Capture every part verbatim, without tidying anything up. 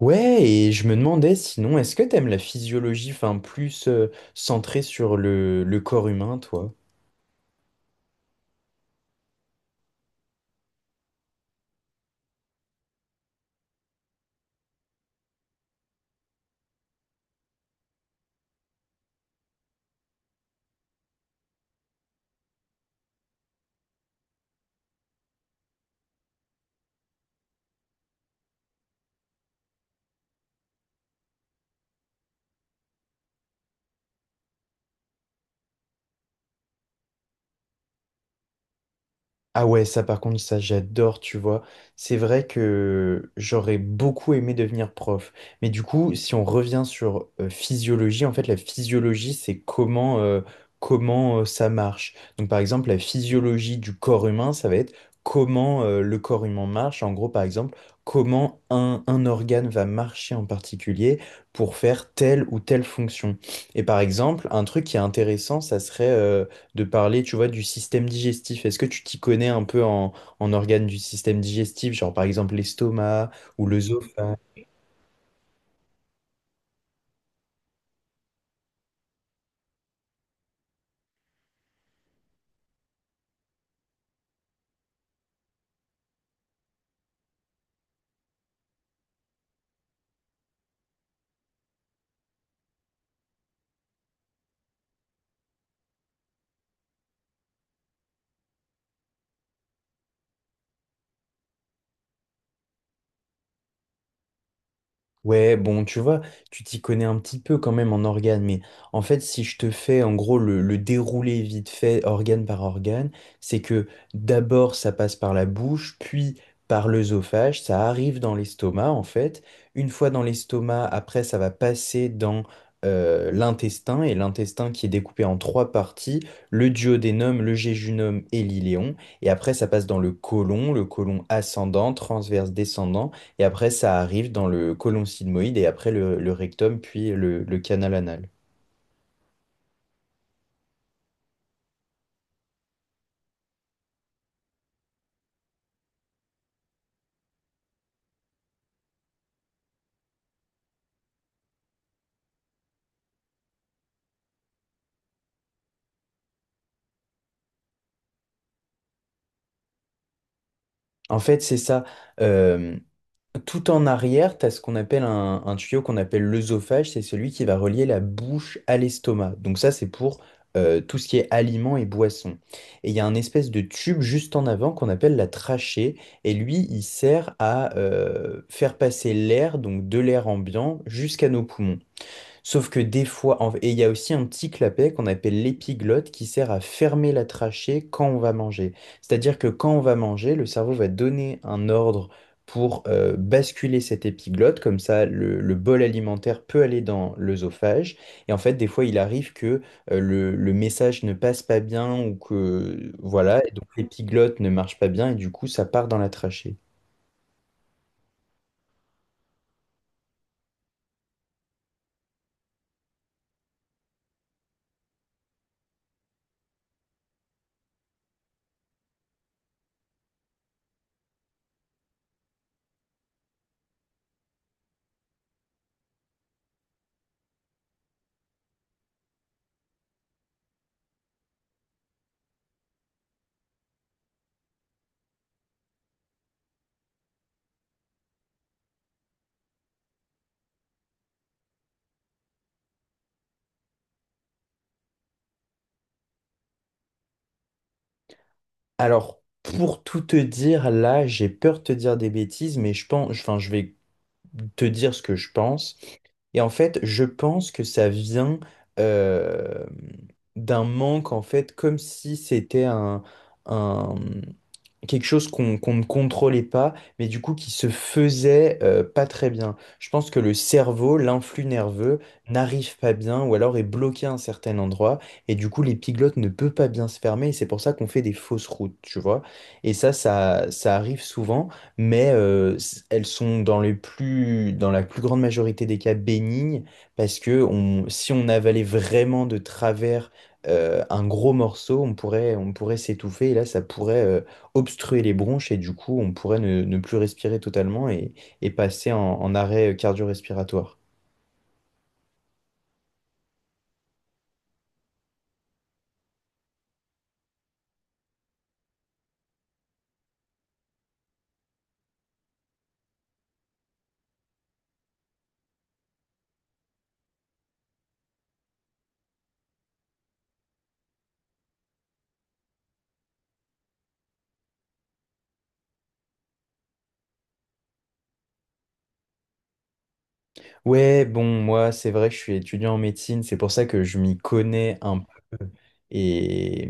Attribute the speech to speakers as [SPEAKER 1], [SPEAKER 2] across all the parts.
[SPEAKER 1] Ouais, et je me demandais sinon, est-ce que t'aimes la physiologie, enfin plus euh, centrée sur le, le corps humain, toi? Ah ouais, ça par contre, ça j'adore, tu vois. C'est vrai que j'aurais beaucoup aimé devenir prof. Mais du coup, si on revient sur euh, physiologie, en fait, la physiologie, c'est comment, euh, comment euh, ça marche. Donc par exemple, la physiologie du corps humain, ça va être comment euh, le corps humain marche. En gros, par exemple, comment un, un organe va marcher en particulier pour faire telle ou telle fonction. Et par exemple, un truc qui est intéressant, ça serait de parler, tu vois, du système digestif. Est-ce que tu t'y connais un peu en, en organes du système digestif, genre par exemple l'estomac ou l'œsophage? Ouais, bon, tu vois, tu t'y connais un petit peu quand même en organes, mais en fait, si je te fais en gros le, le déroulé vite fait, organe par organe, c'est que d'abord ça passe par la bouche, puis par l'œsophage, ça arrive dans l'estomac en fait. Une fois dans l'estomac, après ça va passer dans euh, l'intestin, et l'intestin qui est découpé en trois parties, le duodénum, le jéjunum et l'iléon, et après ça passe dans le côlon, le côlon ascendant, transverse, descendant. Et après, ça arrive dans le côlon sigmoïde et après le, le rectum, puis le, le canal anal. En fait, c'est ça. Euh, tout en arrière, tu as ce qu'on appelle un, un tuyau qu'on appelle l'œsophage. C'est celui qui va relier la bouche à l'estomac. Donc ça, c'est pour euh, tout ce qui est aliments et boissons. Et il y a un espèce de tube juste en avant qu'on appelle la trachée. Et lui, il sert à euh, faire passer l'air, donc de l'air ambiant, jusqu'à nos poumons. Sauf que des fois, en- et il y a aussi un petit clapet qu'on appelle l'épiglotte qui sert à fermer la trachée quand on va manger. C'est-à-dire que quand on va manger, le cerveau va donner un ordre pour euh, basculer cette épiglotte, comme ça le, le bol alimentaire peut aller dans l'œsophage. Et en fait, des fois, il arrive que euh, le, le message ne passe pas bien ou que voilà, et donc l'épiglotte ne marche pas bien et du coup, ça part dans la trachée. Alors, pour tout te dire, là, j'ai peur de te dire des bêtises, mais je pense, enfin, je vais te dire ce que je pense. Et en fait, je pense que ça vient euh, d'un manque, en fait, comme si c'était un, un- quelque chose qu'on qu'on ne contrôlait pas, mais du coup qui se faisait euh, pas très bien. Je pense que le cerveau, l'influx nerveux, n'arrive pas bien ou alors est bloqué à un certain endroit et du coup l'épiglotte ne peut pas bien se fermer et c'est pour ça qu'on fait des fausses routes, tu vois. Et ça, ça, ça arrive souvent, mais euh, c- elles sont dans les plus, dans la plus grande majorité des cas bénignes parce que on, si on avalait vraiment de travers euh, un gros morceau, on pourrait, on pourrait s'étouffer et là ça pourrait euh, obstruer les bronches et du coup, on pourrait ne, ne plus respirer totalement et, et passer en, en arrêt cardio-respiratoire. Ouais, bon, moi, c'est vrai que je suis étudiant en médecine, c'est pour ça que je m'y connais un peu. Et,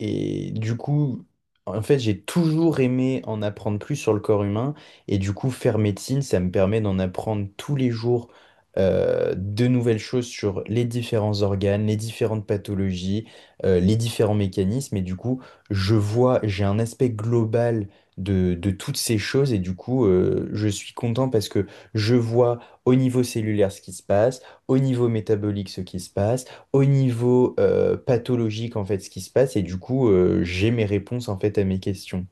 [SPEAKER 1] et du coup, en fait, j'ai toujours aimé en apprendre plus sur le corps humain. Et du coup, faire médecine, ça me permet d'en apprendre tous les jours euh, de nouvelles choses sur les différents organes, les différentes pathologies, euh, les différents mécanismes. Et du coup, je vois, j'ai un aspect global de, de toutes ces choses. Et du coup, euh, je suis content parce que je vois au niveau cellulaire ce qui se passe, au niveau métabolique ce qui se passe, au niveau euh, pathologique en fait ce qui se passe, et du coup euh, j'ai mes réponses en fait à mes questions.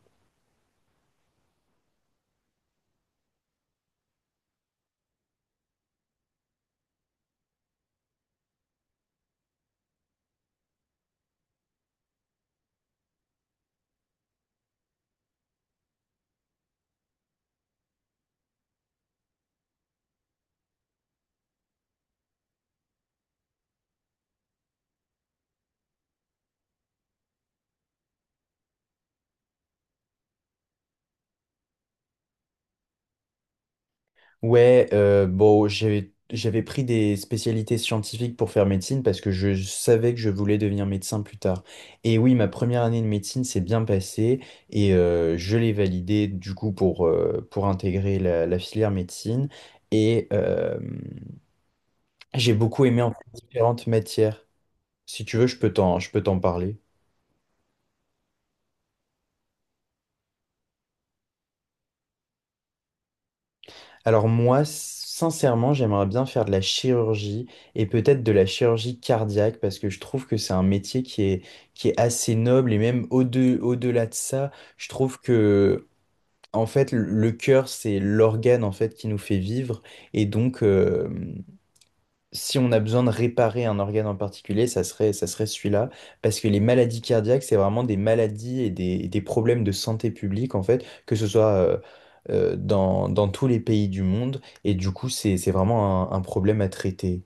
[SPEAKER 1] Ouais, euh, bon, j'avais j'avais pris des spécialités scientifiques pour faire médecine parce que je savais que je voulais devenir médecin plus tard. Et oui, ma première année de médecine s'est bien passée et euh, je l'ai validée du coup pour, euh, pour intégrer la, la filière médecine. Et euh, j'ai beaucoup aimé en fait, différentes matières. Si tu veux, je peux t'en, je peux t'en parler. Alors moi, sincèrement, j'aimerais bien faire de la chirurgie et peut-être de la chirurgie cardiaque parce que je trouve que c'est un métier qui est, qui est assez noble et même au-de- au-delà de ça, je trouve que en fait le le cœur c'est l'organe en fait qui nous fait vivre et donc euh, si on a besoin de réparer un organe en particulier, ça serait, ça serait celui-là. Parce que les maladies cardiaques, c'est vraiment des maladies et des, et des problèmes de santé publique, en fait, que ce soit euh, euh, dans, dans tous les pays du monde. Et du coup, c'est, c'est vraiment un, un problème à traiter.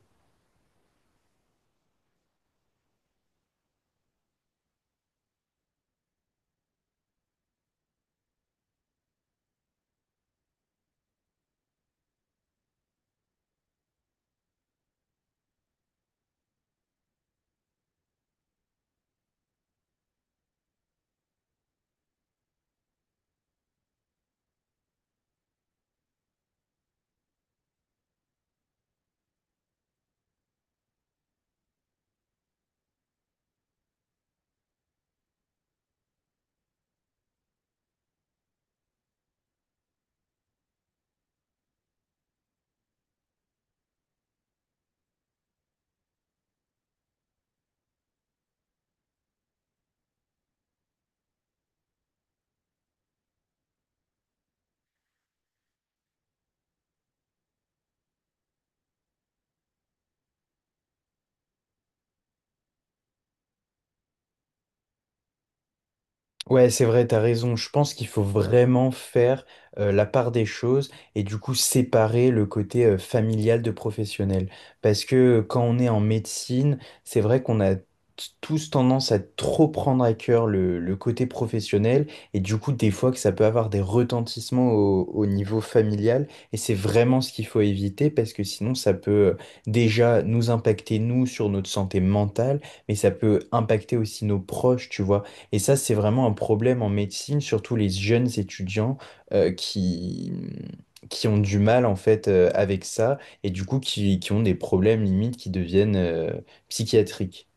[SPEAKER 1] Ouais, c'est vrai, t'as raison. Je pense qu'il faut vraiment faire euh, la part des choses et du coup séparer le côté euh, familial de professionnel. Parce que euh, quand on est en médecine, c'est vrai qu'on a t- tous tendance à trop prendre à cœur le, le côté professionnel et du coup des fois que ça peut avoir des retentissements au, au niveau familial et c'est vraiment ce qu'il faut éviter parce que sinon ça peut euh, déjà nous impacter nous sur notre santé mentale mais ça peut impacter aussi nos proches, tu vois. Et ça, c'est vraiment un problème en médecine, surtout les jeunes étudiants euh, qui, qui ont du mal en fait euh, avec ça et du coup qui, qui ont des problèmes limites qui deviennent euh, psychiatriques.